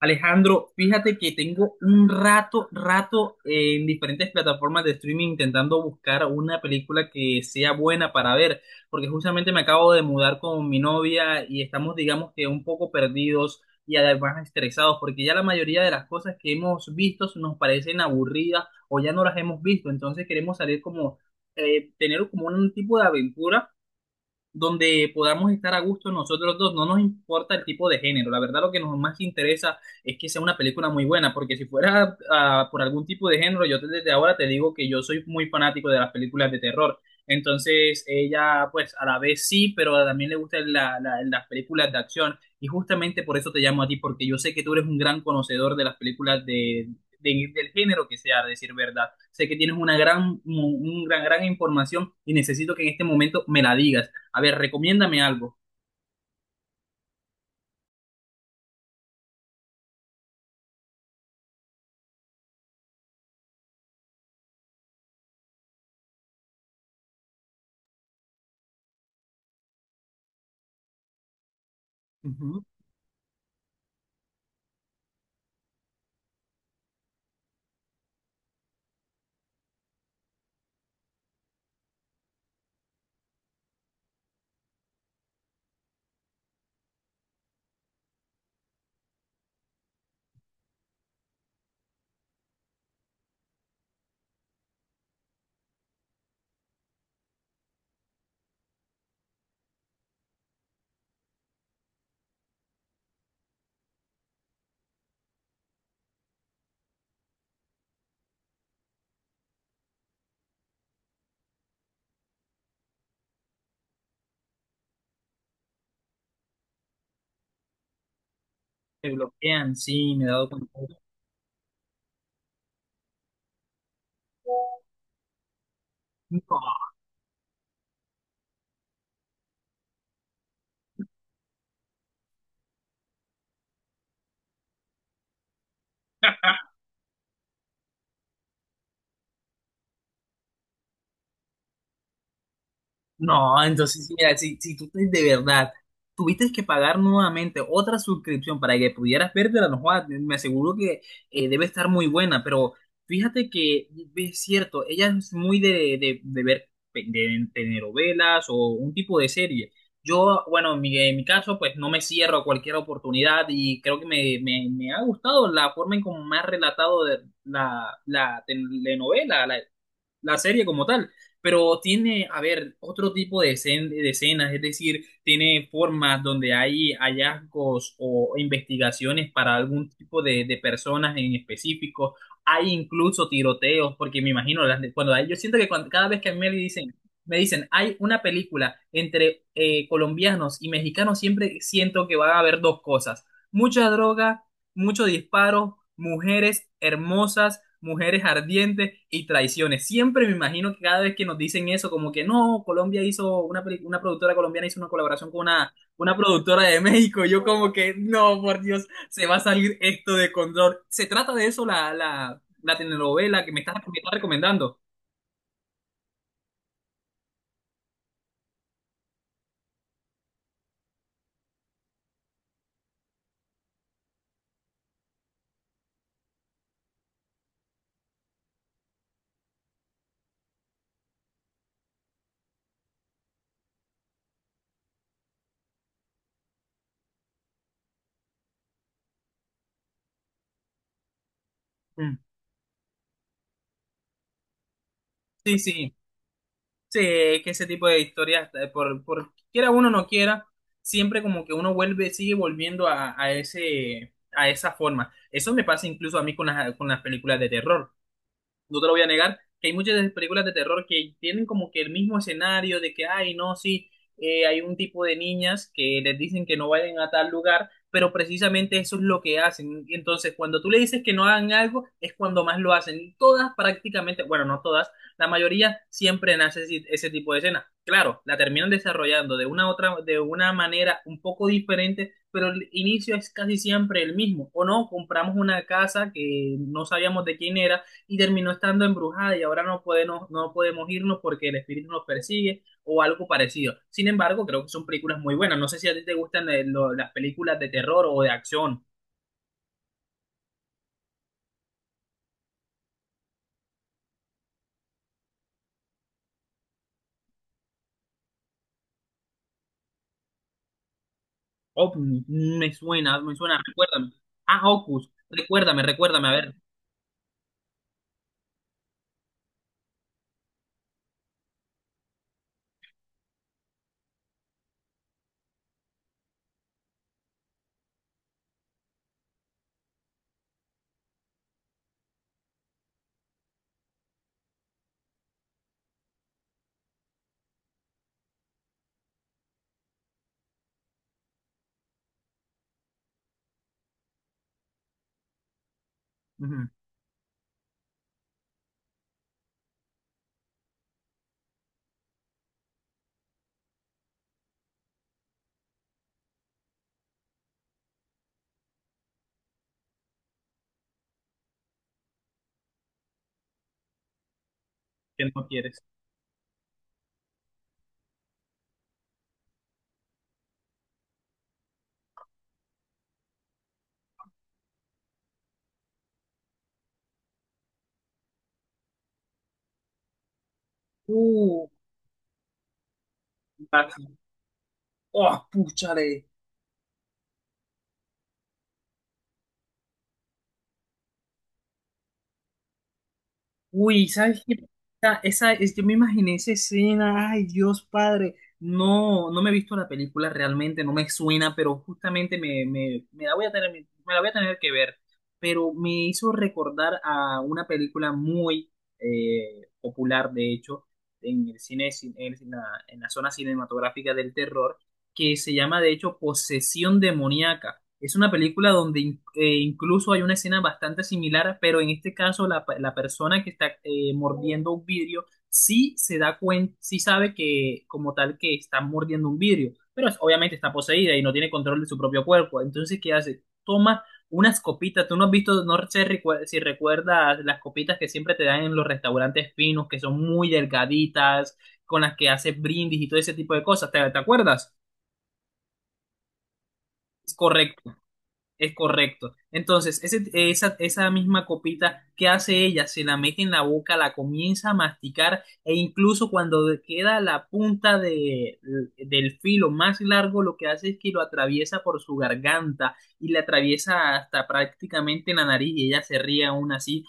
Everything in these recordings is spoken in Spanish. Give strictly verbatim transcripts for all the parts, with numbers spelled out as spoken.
Alejandro, fíjate que tengo un rato, rato eh, en diferentes plataformas de streaming intentando buscar una película que sea buena para ver, porque justamente me acabo de mudar con mi novia y estamos, digamos que un poco perdidos y además estresados, porque ya la mayoría de las cosas que hemos visto nos parecen aburridas o ya no las hemos visto, entonces queremos salir como, eh, tener como un tipo de aventura donde podamos estar a gusto nosotros dos. No nos importa el tipo de género. La verdad, lo que nos más interesa es que sea una película muy buena, porque si fuera ah, por algún tipo de género, yo te- desde ahora te digo que yo soy muy fanático de las películas de terror. Entonces, ella, pues, a la vez sí, pero también le gustan la- la- las películas de acción. Y justamente por eso te llamo a ti, porque yo sé que tú eres un gran conocedor de las películas de, de- del género que sea, a decir verdad. Sé que tienes una gran, un un gran, gran información y necesito que en este momento me la digas. A ver, recomiéndame algo. Ujú. Me bloquean, sí, me he dado cuenta. No, no, entonces, mira, si, si tú te- de verdad tuviste que pagar nuevamente otra suscripción para que pudieras vértela, no jodas, me aseguro que eh, debe estar muy buena, pero fíjate que es cierto, ella es muy de, de, de ver pe- de telenovelas o un tipo de serie. Yo, bueno, en mi, en mi caso, pues no me cierro a cualquier oportunidad y creo que me, me, me ha gustado la forma en cómo me ha relatado de la, la telenovela, la serie como tal, pero tiene, a ver, otro tipo de, escen- de escenas, es decir, tiene formas donde hay hallazgos o investigaciones para algún tipo de, de personas en específico, hay incluso tiroteos, porque me imagino, las de- cuando hay- yo siento que cuando- cada vez que a mí me dicen, me dicen, hay una película entre eh, colombianos y mexicanos, siempre siento que va a haber dos cosas, mucha droga, muchos disparos, mujeres hermosas, mujeres ardientes y traiciones. Siempre me imagino que cada vez que nos dicen eso, como que no, Colombia hizo, una, peli- una productora colombiana hizo una colaboración con una, una productora de México, yo como que no, por Dios, se va a salir esto de control. ¿Se trata de eso la, la, la telenovela que me estás, me estás recomendando? Mm. Sí, sí. Sí, es que ese tipo de historias, eh, por, por quiera uno o no quiera, siempre como que uno vuelve, sigue volviendo a, a ese, a esa forma. Eso me pasa incluso a mí con las, con las películas de terror, no te lo voy a negar, que hay muchas de- películas de terror que tienen como que el mismo escenario de que, ay, no, sí, eh, hay un tipo de niñas que les dicen que no vayan a tal lugar, pero precisamente eso es lo que hacen. Y entonces, cuando tú le dices que no hagan algo, es cuando más lo hacen. Y todas prácticamente, bueno, no todas, la mayoría siempre nace ese, ese tipo de escena. Claro, la terminan desarrollando de una otra, de una manera un poco diferente, pero el inicio es casi siempre el mismo. O no, compramos una casa que no sabíamos de quién era y terminó estando embrujada y ahora no podemos, no no podemos irnos porque el espíritu nos persigue o algo parecido. Sin embargo, creo que son películas muy buenas. No sé si a ti te gustan eh, lo- las películas de terror o de acción. Oh, mm, me suena, me suena, recuérdame. Ah, Hocus, recuérdame, recuérdame, a ver. Ujú. ¿Qué no quieres? Uh, así. Oh, púchale. Uy, ¿sabes qué? Esa, esa- es- yo me imaginé esa escena, ay Dios Padre, no, no me he visto la película realmente, no me suena, pero justamente me, me, me la voy a tener, me la voy a tener que ver, pero me hizo recordar a una película muy eh, popular, de hecho, en el cine, en la, en la zona cinematográfica del terror, que se llama de hecho Posesión Demoníaca. Es una película donde in- eh, incluso hay una escena bastante similar, pero en este caso la, pe- la persona que está eh, mordiendo un vidrio sí se da cuenta, sí sabe que como tal que está mordiendo un vidrio, pero es- obviamente está poseída y no tiene control de su propio cuerpo. Entonces, ¿qué hace? Toma unas copitas. Tú no has visto, no sé recue- si recuerdas las copitas que siempre te dan en los restaurantes finos, que son muy delgaditas, con las que haces brindis y todo ese tipo de cosas. ¿Te, te acuerdas? Es correcto. Es correcto. Entonces, ese- esa, esa misma copita, ¿qué hace ella? Se la mete en la boca, la comienza a masticar e incluso cuando queda la punta de, del filo más largo, lo que hace es que lo atraviesa por su garganta y le atraviesa hasta prácticamente la nariz y ella se ríe aún así.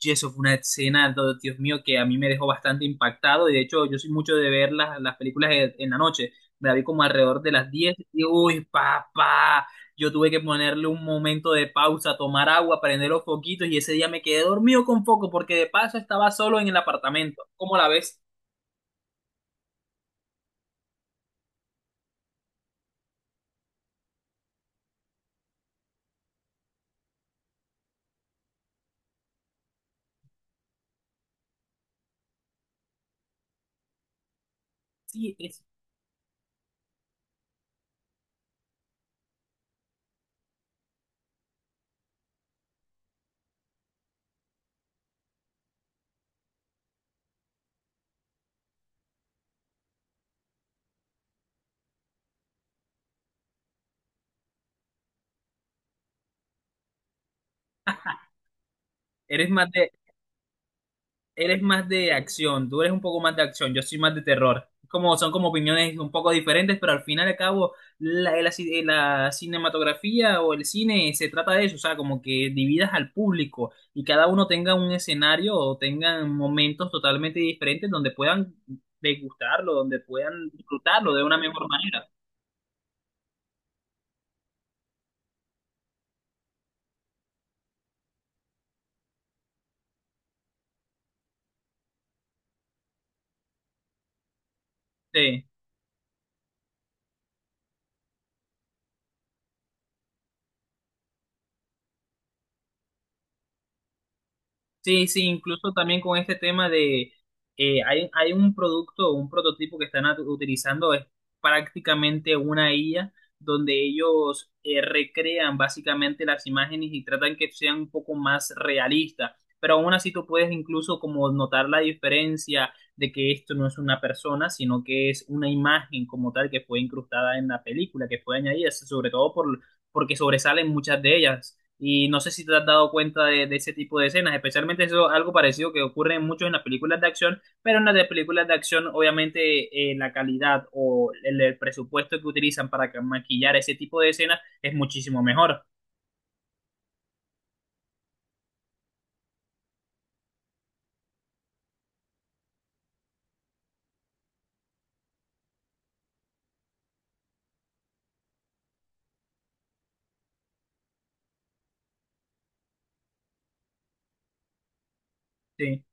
Y eso fue una escena, do- Dios mío, que a mí me dejó bastante impactado y de hecho yo soy mucho de ver las, las películas en en la noche. Me la vi como alrededor de las diez y uy, papá. Yo tuve que ponerle un momento de pausa, tomar agua, prender los foquitos y ese día me quedé dormido con foco porque de paso estaba solo en el apartamento. ¿Cómo la ves? Sí, es- eres más de, eres más de acción, tú eres un poco más de acción, yo soy más de terror. Como, son como opiniones un poco diferentes, pero al final y al cabo la, la ci- la cinematografía o el cine se trata de eso, o sea, como que dividas al público y cada uno tenga un escenario o tengan momentos totalmente diferentes donde puedan degustarlo, donde puedan disfrutarlo de una mejor manera. Sí. Sí, sí, incluso también con este tema de, eh, hay, hay un producto, un prototipo que están at- utilizando, es prácticamente una I A, donde ellos eh, recrean básicamente las imágenes y tratan que sean un poco más realistas, pero aún así tú puedes incluso como notar la diferencia de que esto no es una persona, sino que es una imagen como tal que fue incrustada en la película, que fue añadida, sobre todo por, porque sobresalen muchas de ellas. Y no sé si te has dado cuenta de, de ese tipo de escenas, especialmente eso, algo parecido que ocurre mucho en las películas de acción, pero en las de películas de acción, obviamente, eh, la calidad o el, el presupuesto que utilizan para ca- maquillar ese tipo de escenas es muchísimo mejor. Sí.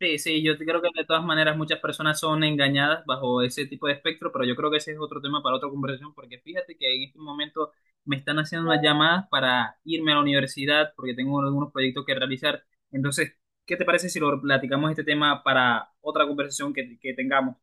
Sí, sí, yo creo que de todas maneras muchas personas son engañadas bajo ese tipo de espectro, pero yo creo que ese es otro tema para otra conversación, porque fíjate que en este momento me están haciendo unas llamadas para irme a la universidad, porque tengo algunos proyectos que realizar. Entonces, ¿qué te parece si lo platicamos este tema para otra conversación que, que tengamos?